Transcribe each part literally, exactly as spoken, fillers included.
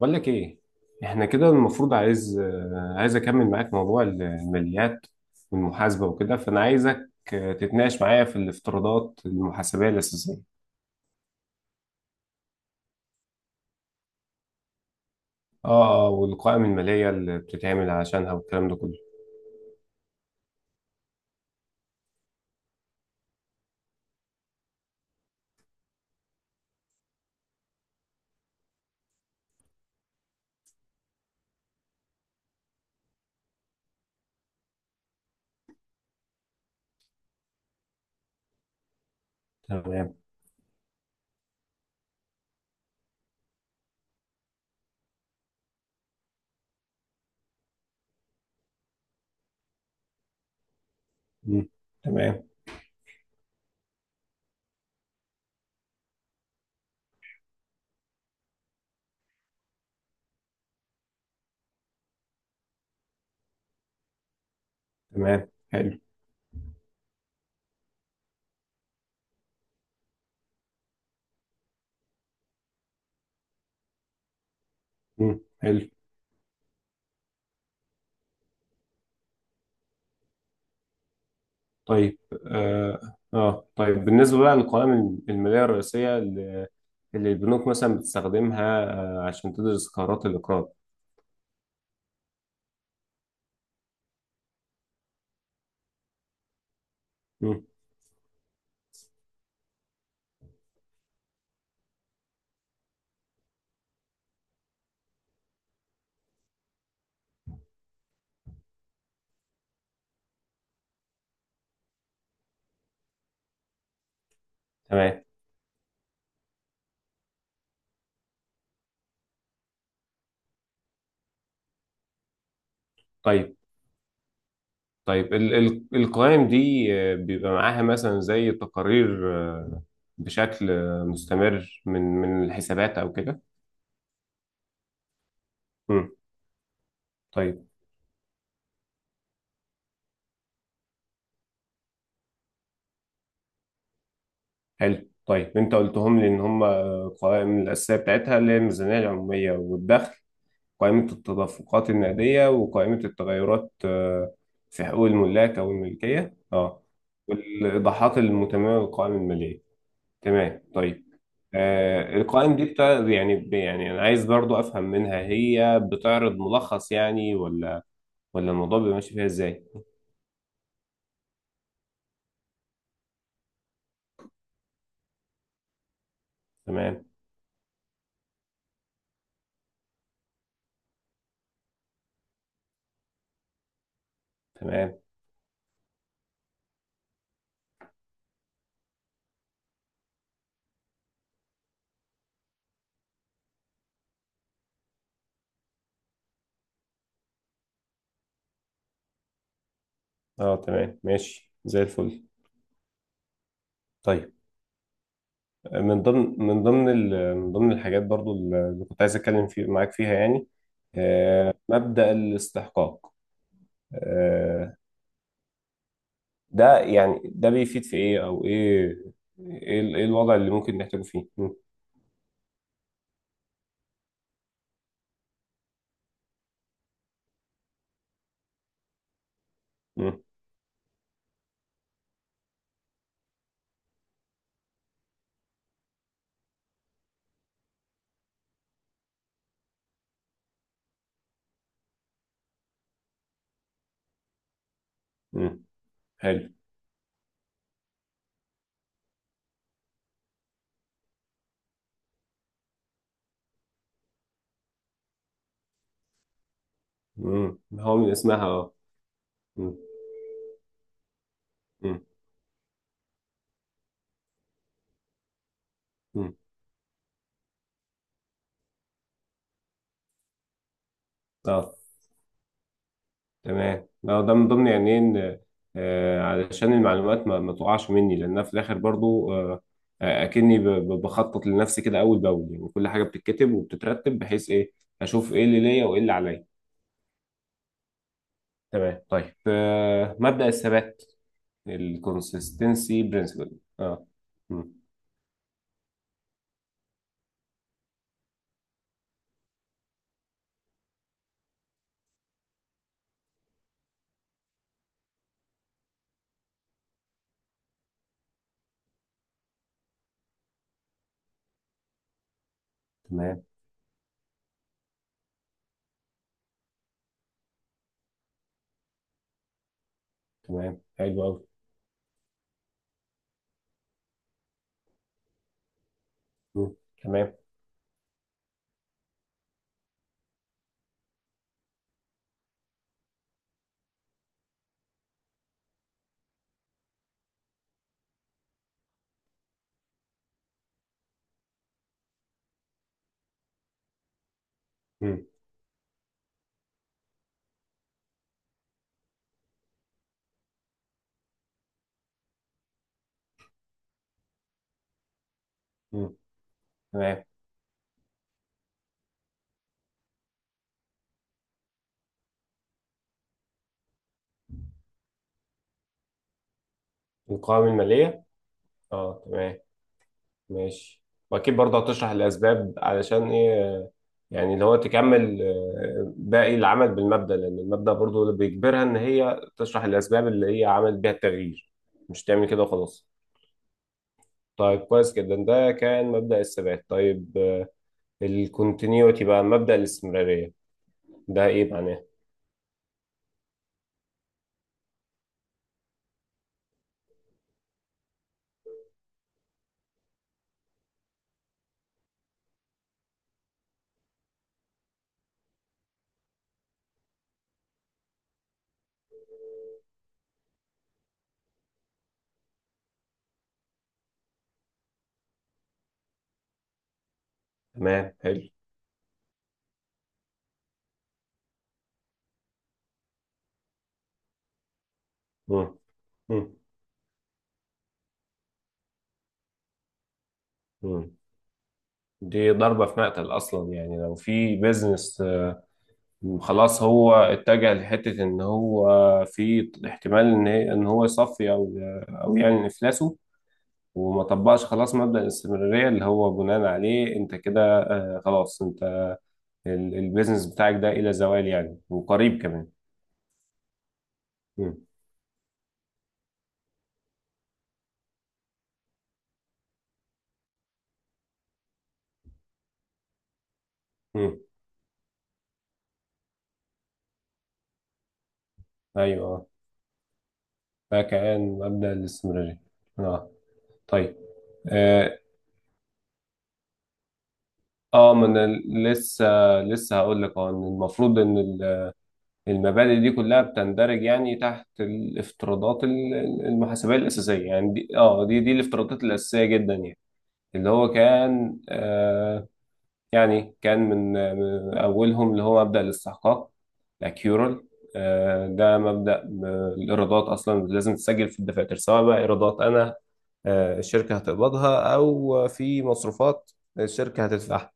بقول لك ايه؟ احنا كده المفروض عايز آه، عايز اكمل معاك موضوع ال- الماليات والمحاسبه وكده، فانا عايزك آه، تتناقش معايا في الافتراضات المحاسبيه الاساسيه. اه اه، والقوائم الماليه اللي بتتعمل عشانها والكلام ده كله. تمام. مم. تمام. تمام، حلو. مم. حلو. طيب، اه آه. طيب بالنسبه بقى للقوائم الماليه الرئيسيه اللي اللي البنوك مثلا بتستخدمها، آه، عشان تدرس قرارات الاقراض. مم. تمام. طيب، طيب ال- ال- القوائم دي آه، بيبقى معاها مثلا زي تقارير آه، بشكل آه، مستمر من من الحسابات او كده. امم طيب. حلو، طيب انت قلتهم لي ان هم القوائم الاساسيه بتاعتها، اللي هي الميزانيه العموميه والدخل، قائمه التدفقات النقديه، وقائمه التغيرات آه، في حقوق الملاك او الملكيه، اه، والايضاحات المتممه للقوائم الماليه. تمام، طيب. آه القوائم دي بتاع يعني ب- يعني انا عايز برضو افهم منها، هي بتعرض ملخص يعني، ولا ولا الموضوع بيبقى ماشي فيها ازاي؟ تمام. تمام. اه، تمام، ماشي زي الفل. طيب آه، من ضمن من ضمن ال- من ضمن الحاجات برضو اللي كنت عايز اتكلم في معاك فيها يعني، آه مبدأ الاستحقاق. آه، ده يعني ده بيفيد في ايه او ايه؟ ايه ال- إيه الوضع اللي ممكن نحتاجه فيه؟ مم. مم. مم، حلو. مم، هو من اسمها. آه. مم. مم. مم. اه، تمام. لا، ده من ضمن يعني إيه ان آه علشان المعلومات ما, ما تقعش مني، لانها في الاخر برضو آه آه، اكني ب- ب- بخطط لنفسي كده اول باول، يعني كل حاجه بتتكتب وبتترتب بحيث ايه اشوف ايه اللي ليا وايه اللي عليا. تمام. طيب آه مبدأ الثبات، الكونسستنسي برنسبل. اه. مم. تمام. تمام، حلو قوي. تمام. مم. مم. تمام، القوائم الماليه. اه، تمام، ماشي. واكيد برضه هتشرح الاسباب، علشان ايه يعني، اللي هو تكمل آه، باقي العمل بالمبدأ، لان المبدأ برضه اللي بيجبرها ان هي تشرح الاسباب اللي هي عملت بيها التغيير، مش تعمل كده وخلاص. طيب، كويس جدا، ده كان مبدأ الثبات. طيب الكونتينيوتي بقى، مبدأ الاستمرارية، ده ايه معناه؟ تمام، حلو. مم. مم. مم. دي ضربة في مقتل اصلا يعني، لو في بيزنس خلاص هو اتجه لحتة ان هو في احتمال ان هي- ان هو يصفي، او او يعني افلاسه، وما طبقش خلاص مبدأ الاستمرارية اللي هو بناء عليه انت كده، خلاص انت ال- البيزنس بتاعك ده الى زوال يعني، وقريب كمان. مم. مم. ايوه. آه. فكأن مبدأ الاستمرارية. اه، طيب. اه آه، ما انا لسه لسه هقول لك، اه ان المفروض ان المبادئ دي كلها بتندرج يعني تحت الافتراضات ال- المحاسبية الأساسية، يعني دي اه دي دي الافتراضات الأساسية جدا يعني، اللي هو كان آه يعني، كان من من أولهم اللي هو مبدأ الاستحقاق، الأكيورال. آه، ده مبدأ آه، الإيرادات أصلا لازم تسجل في الدفاتر، سواء بقى إيرادات أنا آه الشركة هتقبضها، أو في مصروفات الشركة هتدفعها،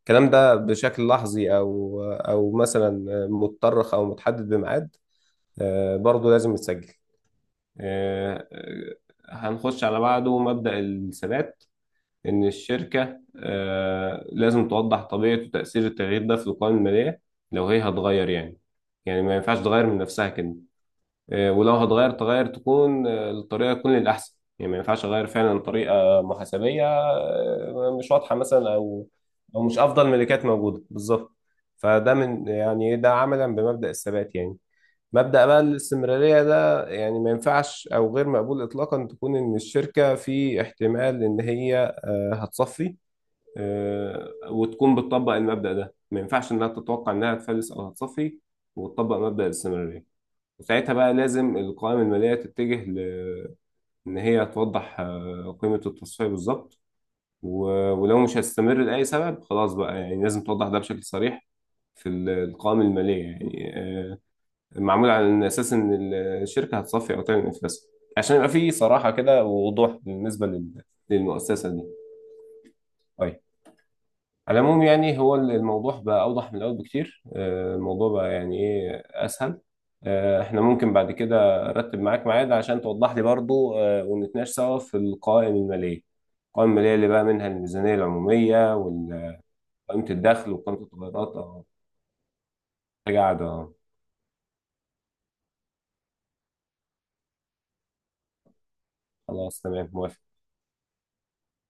الكلام ده بشكل لحظي، أو أو مثلا متطرخ أو متحدد بميعاد، آه، برضو لازم يتسجل. آه، آه، هنخش على بعده مبدأ الثبات، إن الشركة آه، لازم توضح طبيعة وتأثير التغيير ده في القوائم المالية، لو هي هتغير يعني، يعني ما ينفعش تغير من نفسها كده. آه، ولو هتغير تغير، تكون آه، الطريقة تكون للأحسن، يعني ما ينفعش أغير فعلا طريقة محاسبية آه، مش واضحة مثلا، أو أو مش أفضل ملكات موجودة، بالظبط. فده من يعني، ده عملا بمبدأ الثبات يعني. مبدأ بقى الاستمرارية ده يعني ما ينفعش، أو غير مقبول إطلاقا، تكون إن الشركة في احتمال إن هي آه، هتصفي، آه، وتكون بتطبق المبدأ ده، ما ينفعش إنها تتوقع إنها تفلس أو هتصفي وتطبق مبدأ الاستمرارية. وساعتها بقى لازم القوائم المالية تتجه ل- إن هي توضح آه، قيمة التصفية بالظبط. و- ولو مش هتستمر لأي سبب خلاص بقى، يعني لازم توضح ده بشكل صريح في ال- القوائم المالية يعني، آه، معمول على اساس ان الشركه هتصفي او تعمل افلاس، عشان يبقى في صراحه كده ووضوح بالنسبه لل- للمؤسسه دي. طيب. على العموم يعني، هو الموضوع بقى اوضح من الاول بكتير، آه، الموضوع بقى يعني ايه اسهل. آه، احنا ممكن بعد كده ارتب معاك ميعاد عشان توضح لي برضو آه، ونتناقش سوا في القوائم الماليه، القوائم الماليه اللي بقى منها الميزانيه العموميه، وقائمه الدخل، وقائمه التغيرات اه، حاجه قاعده آه، خلاص تمام موافق.